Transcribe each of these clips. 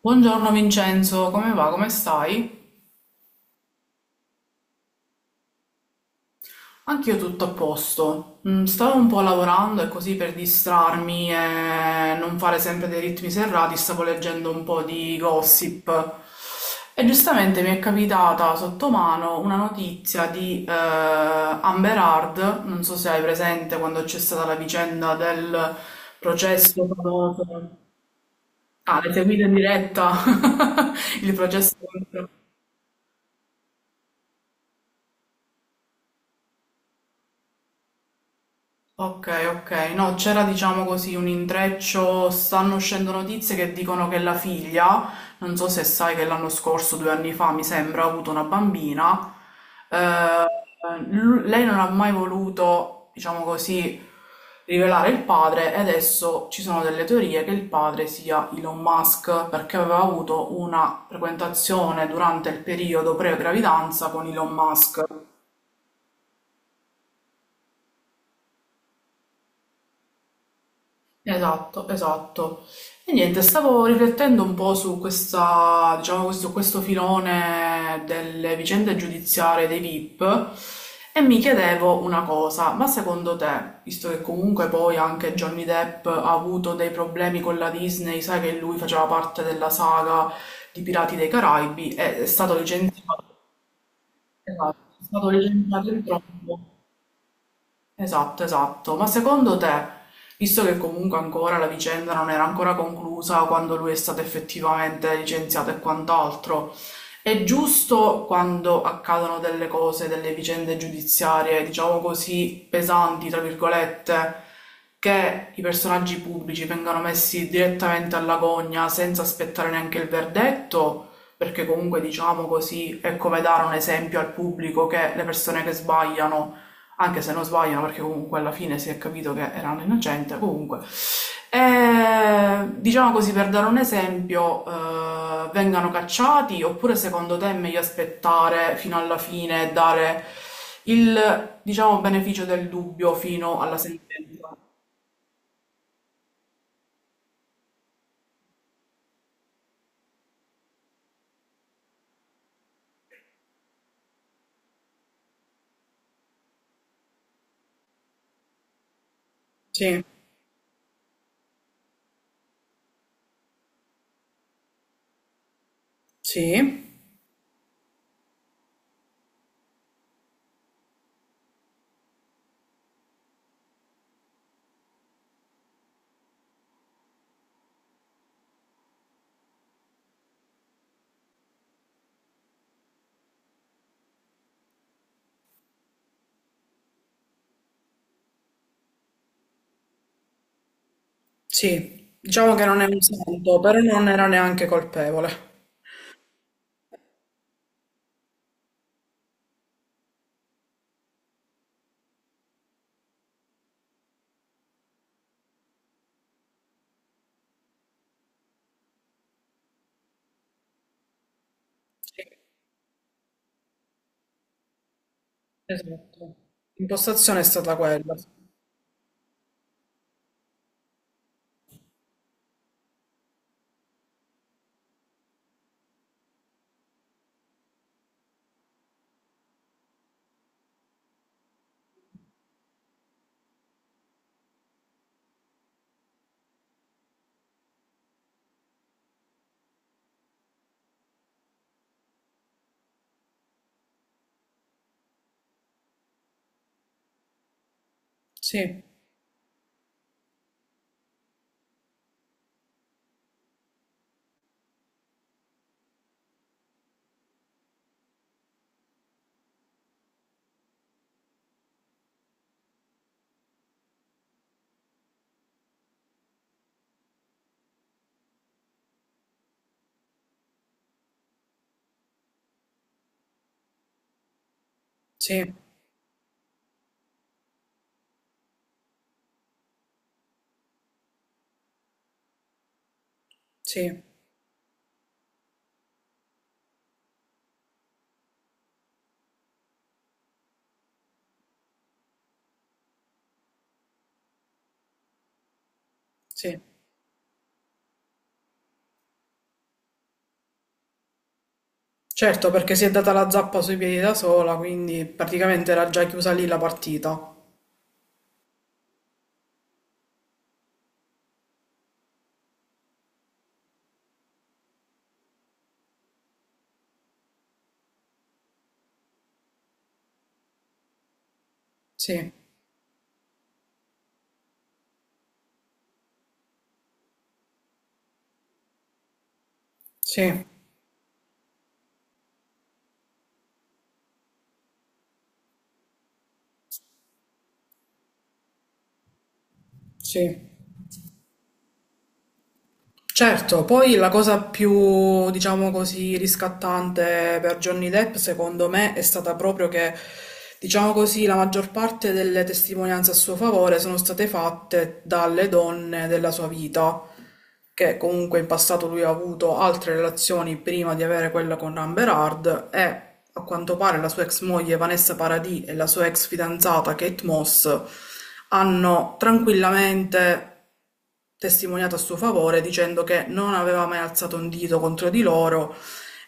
Buongiorno Vincenzo, come va? Come stai? Anch'io tutto a posto. Stavo un po' lavorando e così per distrarmi e non fare sempre dei ritmi serrati, stavo leggendo un po' di gossip. E giustamente mi è capitata sotto mano una notizia di Amber Heard. Non so se hai presente quando c'è stata la vicenda del processo famoso. Ah, l'hai seguito in diretta? Il processo. Ok, ok, no, c'era diciamo così un intreccio, stanno uscendo notizie che dicono che la figlia, non so se sai che l'anno scorso, due anni fa mi sembra, ha avuto una bambina, eh, lei non ha mai voluto, diciamo così, rivelare il padre, e adesso ci sono delle teorie che il padre sia Elon Musk perché aveva avuto una frequentazione durante il periodo pre-gravidanza con Elon Musk. Esatto, esatto. E niente, stavo riflettendo un po' su questa, diciamo, questo filone delle vicende giudiziarie dei VIP, e mi chiedevo una cosa, ma secondo te, visto che comunque poi anche Johnny Depp ha avuto dei problemi con la Disney, sai che lui faceva parte della saga di Pirati dei Caraibi, è stato licenziato, esatto, è stato licenziato in troppo. Esatto, esatto. Ma secondo te, visto che comunque ancora la vicenda non era ancora conclusa quando lui è stato effettivamente licenziato e quant'altro, è giusto quando accadono delle cose, delle vicende giudiziarie, diciamo così, pesanti, tra virgolette, che i personaggi pubblici vengano messi direttamente alla gogna senza aspettare neanche il verdetto? Perché comunque, diciamo così, è come dare un esempio al pubblico che le persone che sbagliano, anche se non sbagliano, perché comunque alla fine si è capito che erano innocenti, comunque. E, diciamo così, per dare un esempio, vengano cacciati, oppure secondo te è meglio aspettare fino alla fine e dare il, diciamo, beneficio del dubbio fino alla sentenza? Sì, sì, sì. Diciamo che non è un santo, però non era neanche colpevole. Sì, esatto. L'impostazione è stata quella. Sì, sì, sì, sì. Certo, perché si è data la zappa sui piedi da sola, quindi praticamente era già chiusa lì la partita. Sì, sì, sì. Certo, poi la cosa più, diciamo così, riscattante per Johnny Depp, secondo me, è stata proprio che, diciamo così, la maggior parte delle testimonianze a suo favore sono state fatte dalle donne della sua vita, che comunque in passato lui ha avuto altre relazioni prima di avere quella con Amber Heard, e a quanto pare la sua ex moglie Vanessa Paradis e la sua ex fidanzata Kate Moss hanno tranquillamente testimoniato a suo favore dicendo che non aveva mai alzato un dito contro di loro,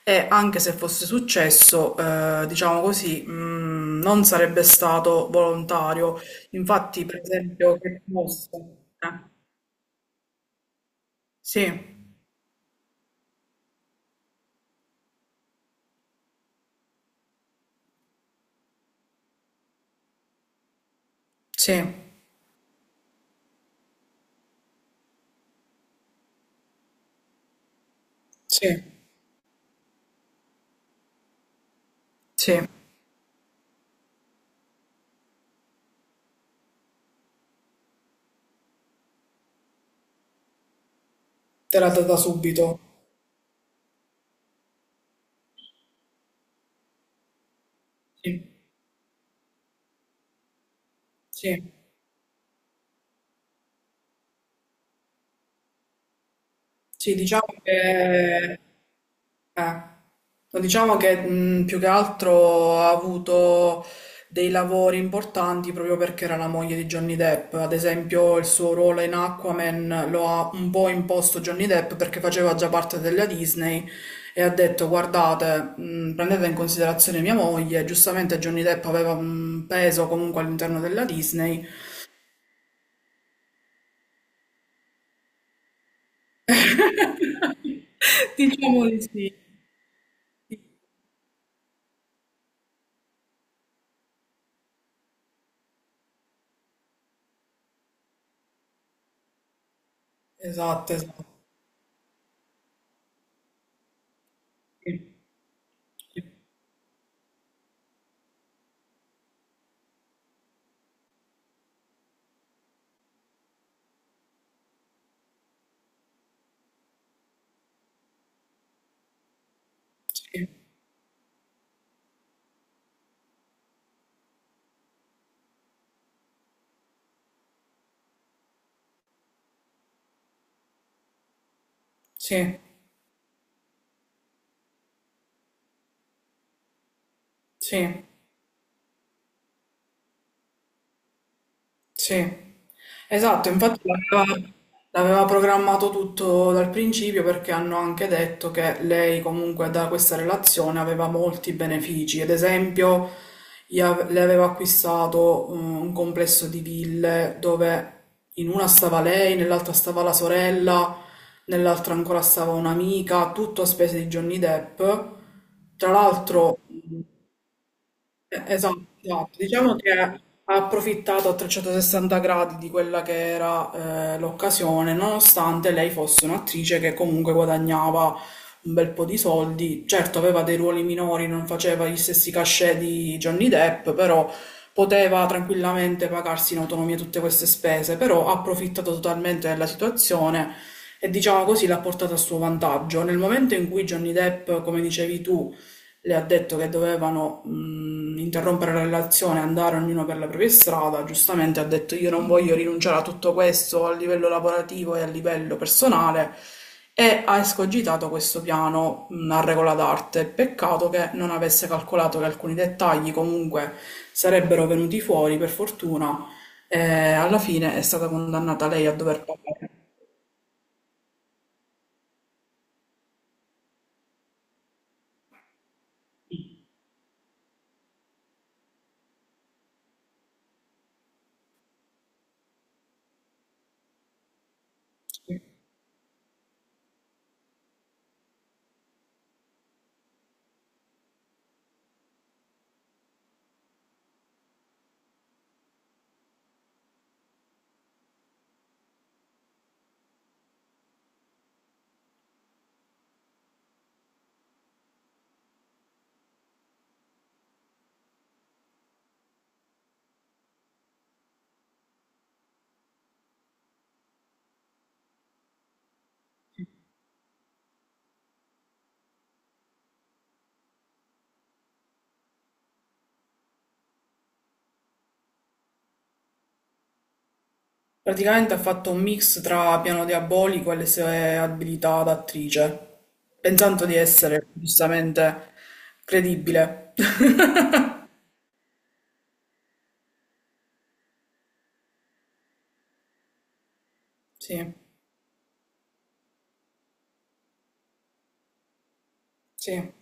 e anche se fosse successo, diciamo così, non sarebbe stato volontario. Infatti, per esempio, che mossa? Sì, sì, sì, sì, te l'ha data subito. Sì, sì, sì, diciamo che. Eh. Diciamo che più che altro ha avuto dei lavori importanti proprio perché era la moglie di Johnny Depp. Ad esempio, il suo ruolo in Aquaman lo ha un po' imposto Johnny Depp perché faceva già parte della Disney e ha detto: Guardate, prendete in considerazione mia moglie. Giustamente, Johnny Depp aveva un peso comunque all'interno della Disney. Diciamo di sì. Esatto, esatto. Sì, sì, sì. Sì, sì. Esatto, infatti l'aveva l'aveva programmato tutto dal principio, perché hanno anche detto che lei comunque da questa relazione aveva molti benefici. Ad esempio, le aveva acquistato un complesso di ville dove in una stava lei, nell'altra stava la sorella, nell'altra ancora stava un'amica, tutto a spese di Johnny Depp. Tra l'altro, eh, esatto, esatto. Diciamo che ha approfittato a 360 gradi di quella che era l'occasione, nonostante lei fosse un'attrice che comunque guadagnava un bel po' di soldi. Certo, aveva dei ruoli minori, non faceva gli stessi cachet di Johnny Depp, però poteva tranquillamente pagarsi in autonomia tutte queste spese, però ha approfittato totalmente della situazione e diciamo così l'ha portata a suo vantaggio. Nel momento in cui Johnny Depp, come dicevi tu, le ha detto che dovevano interrompere la relazione, andare ognuno per la propria strada. Giustamente ha detto: Io non voglio rinunciare a tutto questo a livello lavorativo e a livello personale. E ha escogitato questo piano a regola d'arte. Peccato che non avesse calcolato che alcuni dettagli comunque sarebbero venuti fuori, per fortuna. E alla fine è stata condannata lei a dover pagare. Praticamente ha fatto un mix tra Piano Diabolico e le sue abilità d'attrice, pensando di essere giustamente credibile. Sì, sì,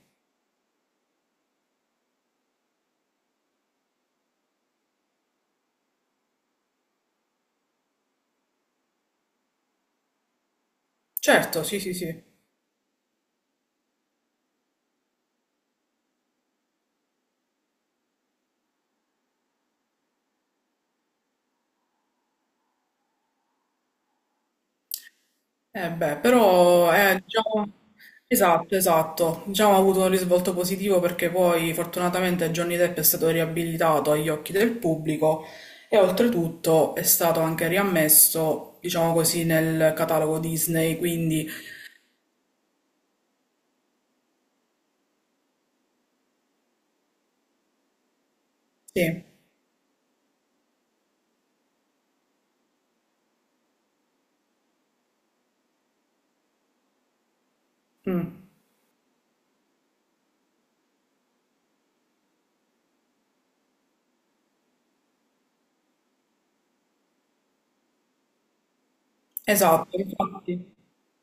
certo, sì, sì, sì. Eh beh, però è, diciamo, esatto, esatto, diciamo ha avuto un risvolto positivo perché poi fortunatamente Johnny Depp è stato riabilitato agli occhi del pubblico e oltretutto è stato anche riammesso, diciamo così, nel catalogo Disney, quindi sì. Mm. Esatto, infatti,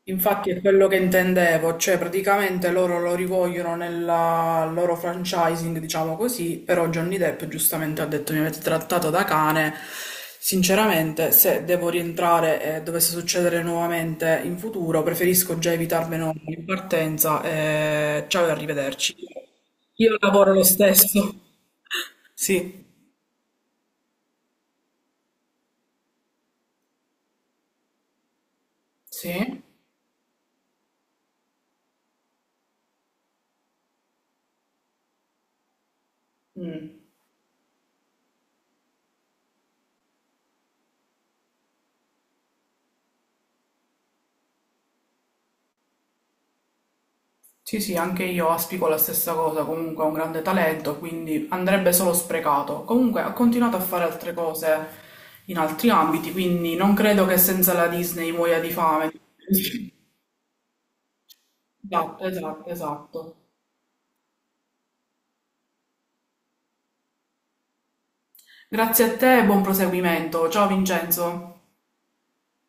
infatti è quello che intendevo, cioè praticamente loro lo rivogliono nella, al loro franchising, diciamo così, però Johnny Depp giustamente ha detto: mi avete trattato da cane, sinceramente se devo rientrare e dovesse succedere nuovamente in futuro preferisco già evitarmelo in partenza, e ciao e arrivederci. Io lavoro lo stesso. Sì. Sì? Mm. Sì, sì, anche io aspico la stessa cosa, comunque ha un grande talento, quindi andrebbe solo sprecato. Comunque ha continuato a fare altre cose in altri ambiti, quindi non credo che senza la Disney muoia di fame. Esatto, esatto, esatto. Grazie a te e buon proseguimento. Ciao Vincenzo.